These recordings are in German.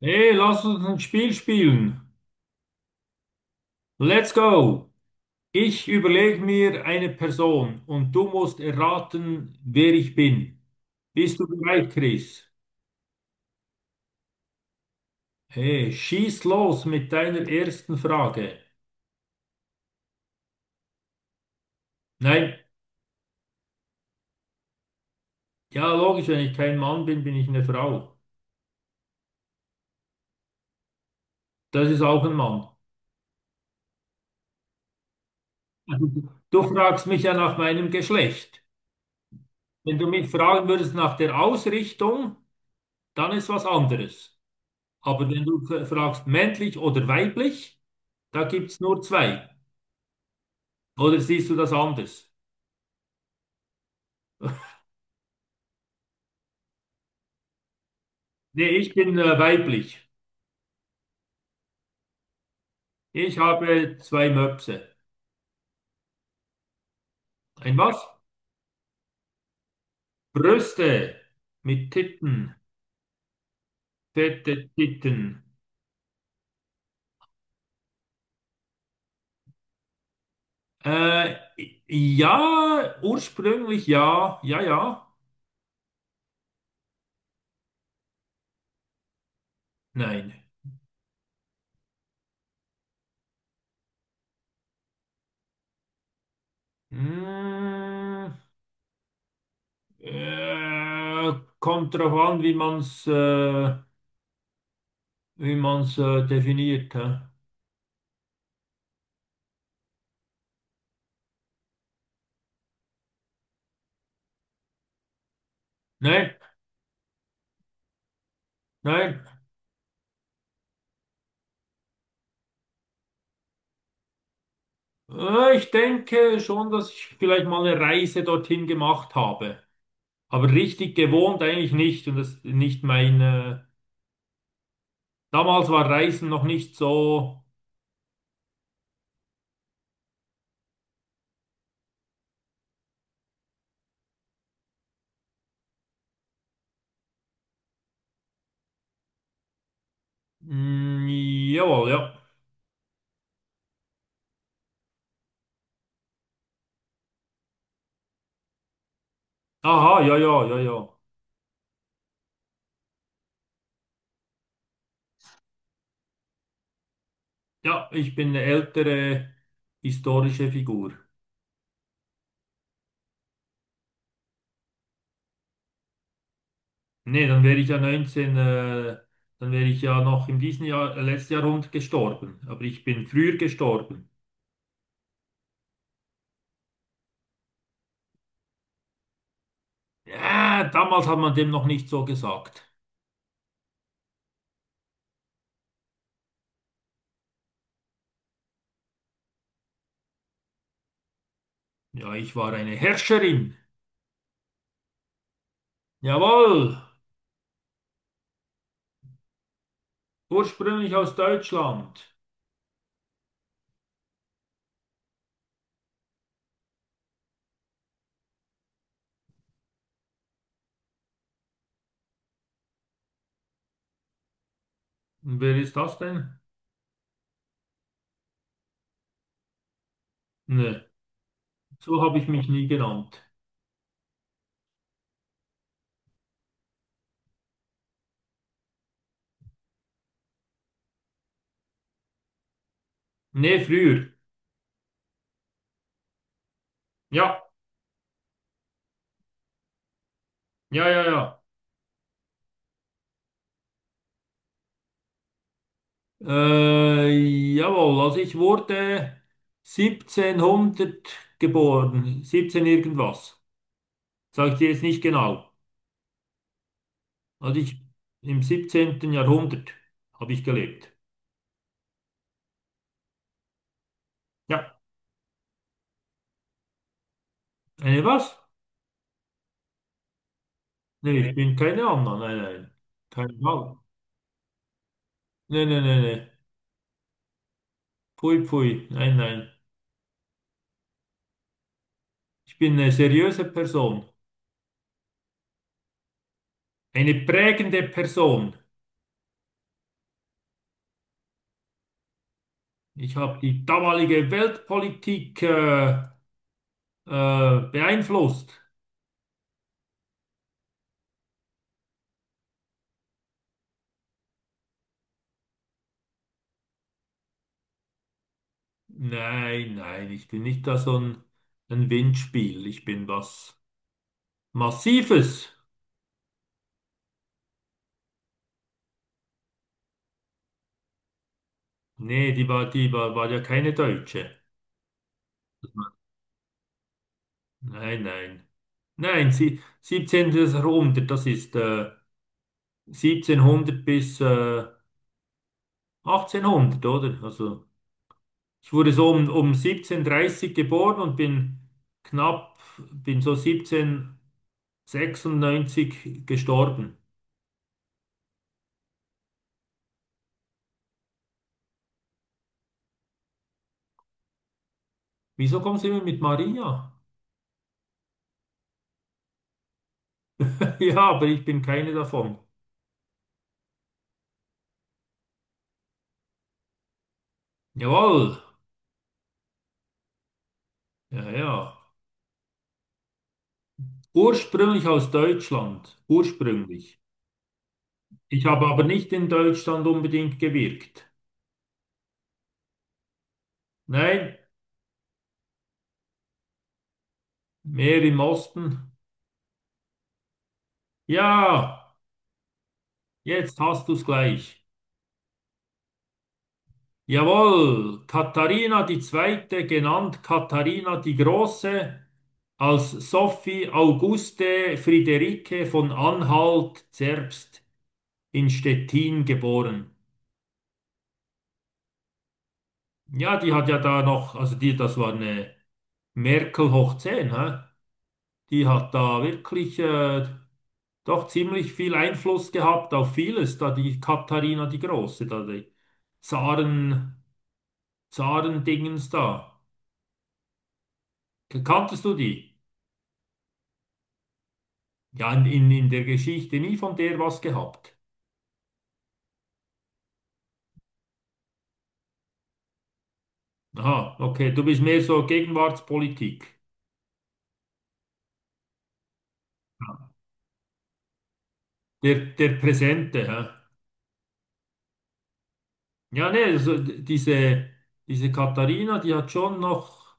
Nee, lass uns ein Spiel spielen. Let's go. Ich überlege mir eine Person und du musst erraten, wer ich bin. Bist du bereit, Chris? Hey, schieß los mit deiner ersten Frage. Nein, ja, logisch, wenn ich kein Mann bin, bin ich eine Frau. Das ist auch ein Mann. Du fragst mich ja nach meinem Geschlecht. Wenn du mich fragen würdest nach der Ausrichtung, dann ist was anderes. Aber wenn du fragst männlich oder weiblich, da gibt es nur zwei. Oder siehst du das anders? Nee, ich bin weiblich. Ich habe zwei Möpse. Ein was? Brüste mit Titten, fette Titten. Äh, ja, ursprünglich, ja, ja, ja, nein. Mm, äh, Kommt drauf an, wie man's, wie man's definiert. Hä? Nein, nein. Ich denke schon, dass ich vielleicht mal eine Reise dorthin gemacht habe. Aber richtig gewohnt eigentlich nicht und das ist nicht meine damals war Reisen noch nicht so. Mm, Jawohl, ja. Aha, ja, ja, ja, ja. Ja, ich bin eine ältere historische Figur. Nee, dann wäre ich ja 19 dann wäre ich ja noch in diesem Jahr, letzten Jahrhundert gestorben. Aber ich bin früher gestorben. Ja, damals hat man dem noch nicht so gesagt. Ja, ich war eine Herrscherin. Jawohl, ursprünglich aus Deutschland. Und wer ist das denn? Nee, so habe ich mich nie genannt. Nee, früher. Ja, ja, ja, ja. Äh, Jawohl, also ich wurde 1700 geboren, 17 irgendwas. Sag ich dir jetzt nicht genau. Also ich im 17. Jahrhundert habe ich gelebt. Ja, eine was? Nee, ich Nee. Bin keine Anna, nein, nein. Kein Fall. Nee, nee, nee, nee. Pfui, pfui, nein, nein. Ich bin eine seriöse Person, eine prägende Person. Ich habe die damalige Weltpolitik beeinflusst. Nein, nein, ich bin nicht da so ein Windspiel. Ich bin was Massives. Nee, die war war ja keine Deutsche. Nein, nein. Nein, sie, 17. Jahrhundert, das ist 1700 bis 1800, oder? Also ich wurde so um 1730 geboren und bin knapp, bin so 1796 gestorben. Wieso kommen Sie immer mit Maria? Ja, aber ich bin keine davon. Jawohl. Ja, ja. Ursprünglich aus Deutschland. Ursprünglich. Ich habe aber nicht in Deutschland unbedingt gewirkt. Nein, mehr im Osten. Ja, jetzt hast du's gleich. Jawohl, Katharina die Zweite, genannt Katharina die Große, als Sophie Auguste Friederike von Anhalt-Zerbst in Stettin geboren. Ja, die hat ja da noch, also die, das war eine Merkel hoch zehn, hä? Die hat da wirklich doch ziemlich viel Einfluss gehabt auf vieles, da die Katharina die Große, da die Zaren, Zarendingens da. Kanntest du die? Ja, in der Geschichte nie von der was gehabt. Aha, okay, du bist mehr so Gegenwartspolitik, der Präsente, hä? Ja, nee, diese Katharina, die hat schon noch,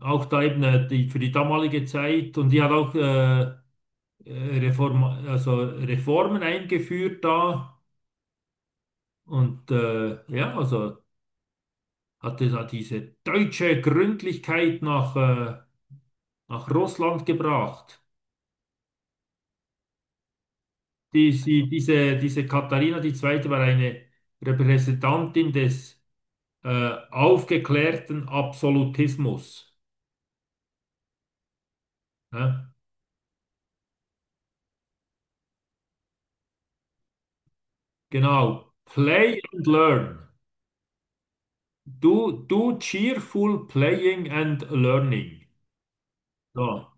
auch da eben die, für die damalige Zeit und die hat auch Reform, also Reformen eingeführt da und ja, also hatte da diese deutsche Gründlichkeit nach, nach Russland gebracht. Diese Katharina die Zweite war eine Repräsentantin des aufgeklärten Absolutismus. Ne? Genau. Play and learn. Do cheerful playing and learning. So,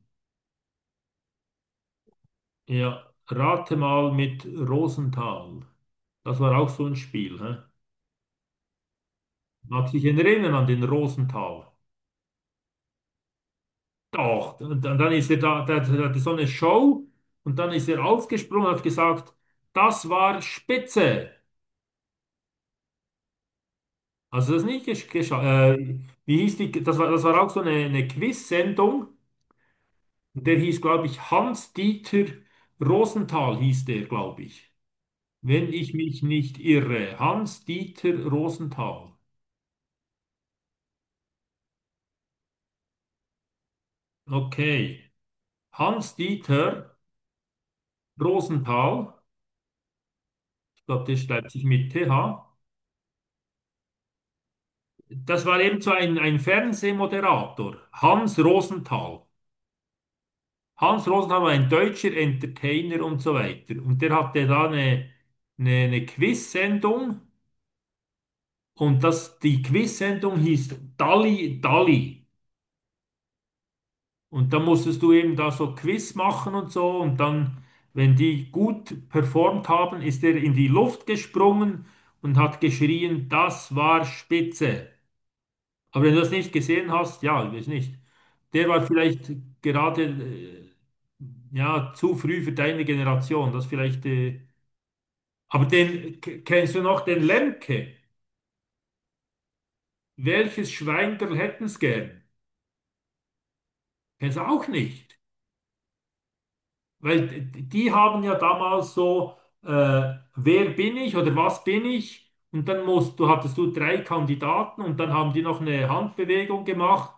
ja. Rate mal mit Rosenthal. Das war auch so ein Spiel. Hä? Mag sich erinnern an den Rosenthal. Doch, und dann ist er da, hatte so eine Show und dann ist er aufgesprungen und hat gesagt, das war spitze. Also das nicht geschafft. Wie hieß die? Das war auch so eine Quiz-Sendung. Und der hieß, glaube ich, Hans-Dieter Rosenthal hieß der, glaube ich. Wenn ich mich nicht irre. Hans-Dieter Rosenthal. Okay. Hans-Dieter Rosenthal. Ich glaube, der schreibt sich mit TH. Das war eben so ein Fernsehmoderator. Hans Rosenthal. Hans Rosenthal war ein deutscher Entertainer und so weiter. Und der hatte da eine Quiz-Sendung. Und das, die Quiz-Sendung hieß Dalli Dalli. Und dann musstest du eben da so Quiz machen und so. Und dann, wenn die gut performt haben, ist er in die Luft gesprungen und hat geschrien, das war spitze. Aber wenn du das nicht gesehen hast, ja, ich weiß nicht. Der war vielleicht gerade ja, zu früh für deine Generation. Das vielleicht. Aber den kennst du noch, den Lemke? Welches Schwein hätten's gern? Kennst du auch nicht. Weil die haben ja damals so, äh, wer bin ich oder was bin ich? Und dann musst du, hattest du drei Kandidaten und dann haben die noch eine Handbewegung gemacht.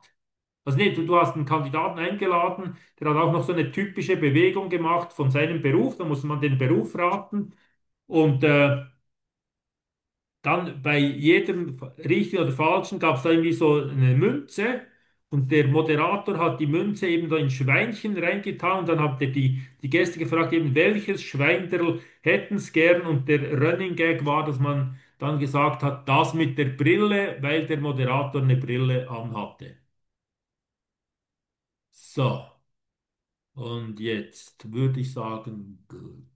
Also nee, du hast einen Kandidaten eingeladen, der hat auch noch so eine typische Bewegung gemacht von seinem Beruf. Da muss man den Beruf raten. Und dann bei jedem richtigen oder falschen gab es da irgendwie so eine Münze und der Moderator hat die Münze eben da in Schweinchen reingetan und dann hat er die Gäste gefragt, eben welches Schweinderl hätten's gern und der Running Gag war, dass man dann gesagt hat, das mit der Brille, weil der Moderator eine Brille anhatte. So, und jetzt würde ich sagen, gut.